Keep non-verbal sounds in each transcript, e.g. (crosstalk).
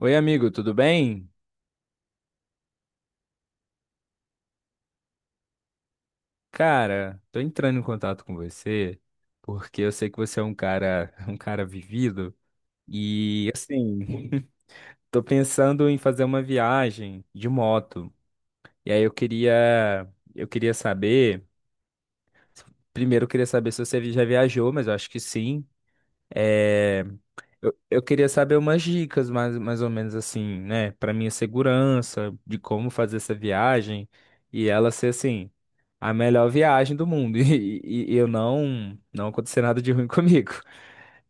Oi, amigo, tudo bem? Cara, tô entrando em contato com você porque eu sei que você é (laughs) um cara vivido e assim, (laughs) tô pensando em fazer uma viagem de moto. E aí eu queria saber, primeiro eu queria saber se você já viajou, mas eu acho que sim. É, eu queria saber umas dicas, mais ou menos assim, né, pra minha segurança, de como fazer essa viagem e ela ser assim a melhor viagem do mundo. (laughs) E eu não aconteceu nada de ruim (laughs) comigo.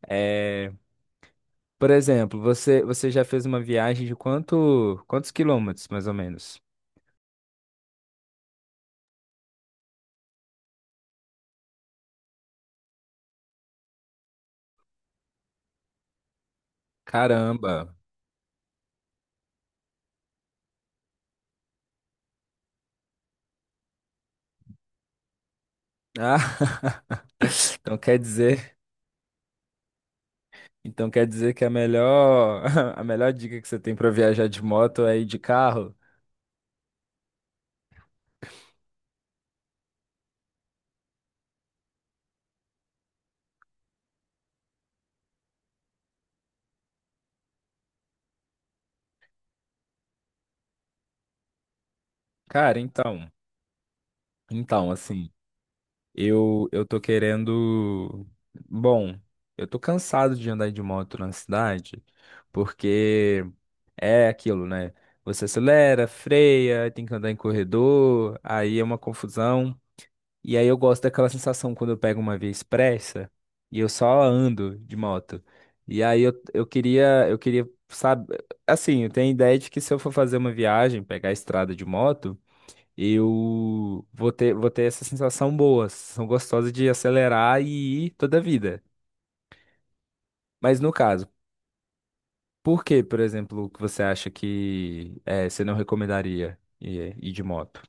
É, por exemplo, você já fez uma viagem de quantos quilômetros, mais ou menos? Caramba. Ah, (laughs) então quer dizer, então quer dizer que a melhor, (laughs) a melhor dica que você tem para viajar de moto é ir de carro? Cara, então, então assim. Eu tô querendo. Bom, eu tô cansado de andar de moto na cidade, porque é aquilo, né? Você acelera, freia, tem que andar em corredor, aí é uma confusão. E aí eu gosto daquela sensação quando eu pego uma via expressa e eu só ando de moto. E aí sabe, assim, eu tenho a ideia de que se eu for fazer uma viagem, pegar a estrada de moto eu vou ter essa sensação boa, sensação gostosa de acelerar e ir toda a vida. Mas no caso, por exemplo, que você acha que você não recomendaria ir de moto?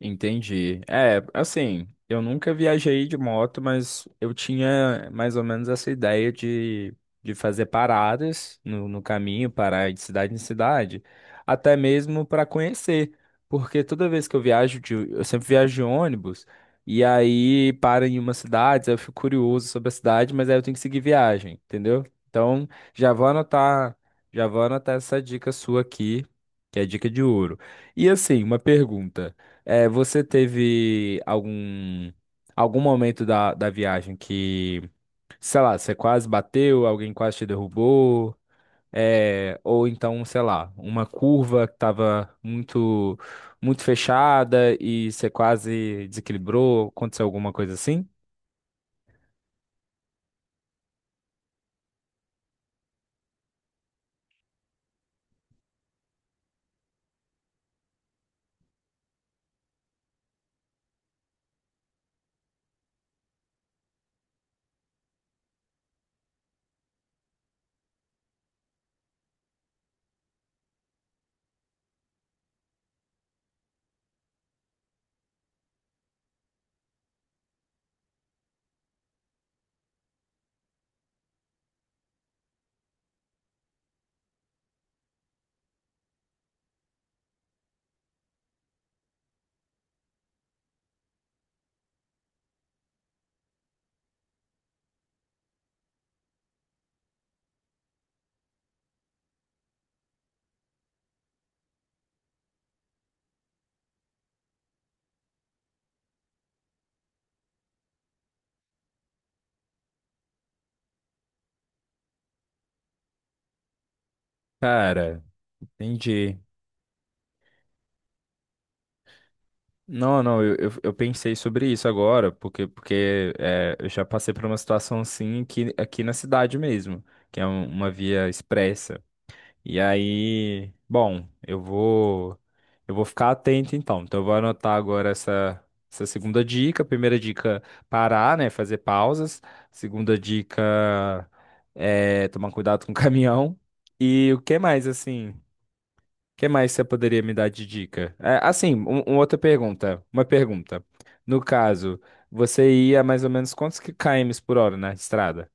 Entendi. É, assim, eu nunca viajei de moto, mas eu tinha mais ou menos essa ideia de fazer paradas no caminho, parar de cidade em cidade, até mesmo para conhecer. Porque toda vez que eu eu sempre viajo de ônibus, e aí para em uma cidade, aí eu fico curioso sobre a cidade, mas aí eu tenho que seguir viagem, entendeu? Então, já vou anotar essa dica sua aqui, que é a dica de ouro. E assim, uma pergunta. É, você teve algum momento da, da viagem que, sei lá, você quase bateu, alguém quase te derrubou, é, ou então, sei lá, uma curva que estava muito fechada e você quase desequilibrou, aconteceu alguma coisa assim? Cara, entendi. Não, não, eu pensei sobre isso agora, porque é, eu já passei por uma situação assim aqui, aqui na cidade mesmo, que é uma via expressa. E aí, bom, eu vou ficar atento então. Então eu vou anotar agora essa segunda dica. Primeira dica, parar, né, fazer pausas. Segunda dica é tomar cuidado com o (laughs) caminhão. E o que mais assim? O que mais você poderia me dar de dica? É, assim, uma outra pergunta, uma pergunta. No caso, você ia mais ou menos quantos km por hora na estrada?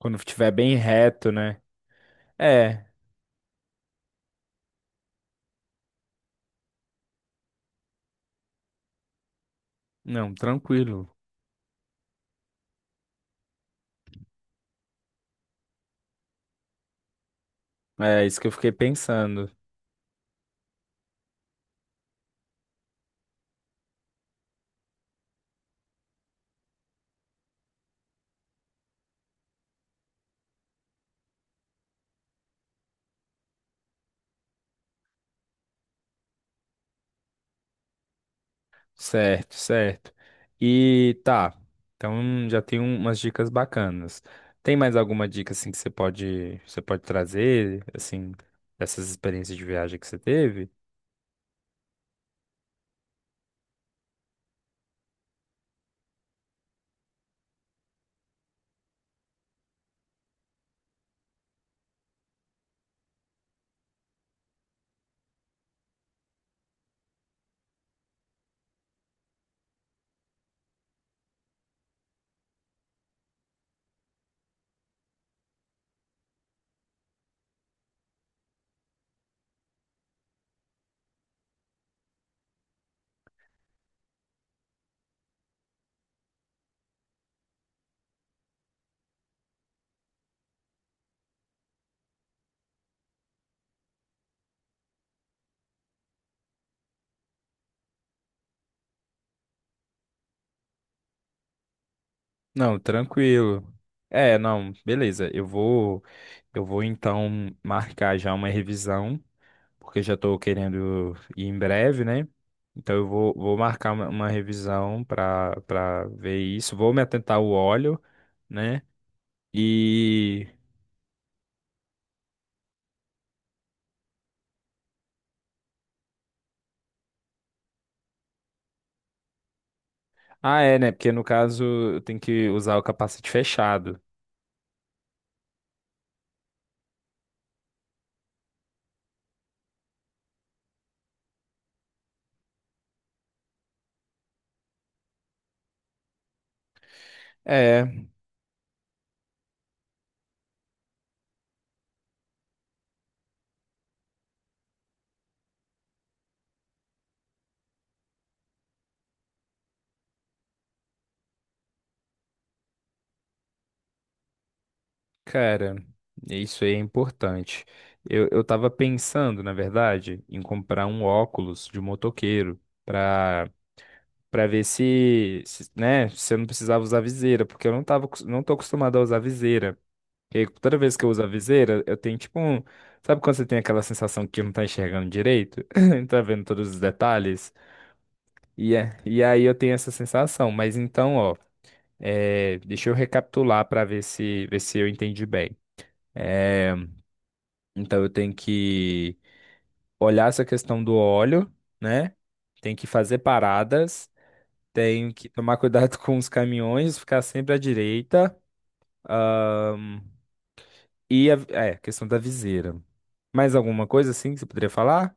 Quando estiver bem reto, né? É, não, tranquilo. É isso que eu fiquei pensando. Certo, certo. E tá. Então já tem umas dicas bacanas. Tem mais alguma dica assim que você pode trazer, assim, dessas experiências de viagem que você teve? Não, tranquilo. É, não, beleza. Eu vou então marcar já uma revisão, porque já estou querendo ir em breve, né? Então vou marcar uma revisão para ver isso. Vou me atentar ao óleo, né? E. Ah, é, né? Porque no caso eu tenho que usar o capacete fechado. É, cara, isso aí é importante. Eu tava pensando, na verdade, em comprar um óculos de motoqueiro pra, pra ver se, se, né, se eu não precisava usar viseira, porque eu não não tô acostumado a usar viseira. E toda vez que eu uso a viseira, eu tenho tipo um. Sabe quando você tem aquela sensação que não tá enxergando direito? (laughs) Não tá vendo todos os detalhes? E aí eu tenho essa sensação. Mas então, ó, é, deixa eu recapitular para ver se eu entendi bem. É, então eu tenho que olhar essa questão do óleo, né? Tenho que fazer paradas, tenho que tomar cuidado (laughs) com os caminhões, ficar sempre à direita. E a, é, questão da viseira. Mais alguma coisa assim que você poderia falar?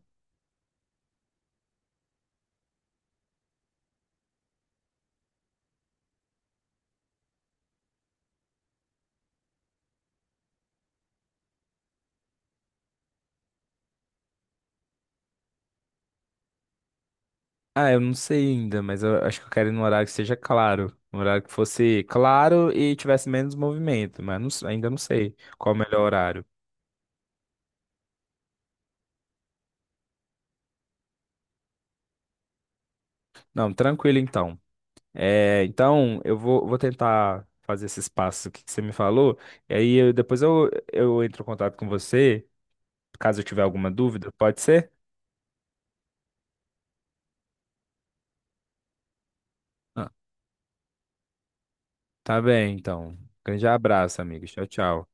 Ah, eu não sei ainda, mas eu acho que eu quero ir num horário que seja claro. Um horário que fosse claro e tivesse menos movimento, mas ainda não sei qual é o melhor horário. Não, tranquilo então. É, então, vou tentar fazer esses passos que você me falou, e depois eu entro em contato com você, caso eu tiver alguma dúvida, pode ser? Ah, tá bem, então. Grande abraço, amigo. Tchau, tchau.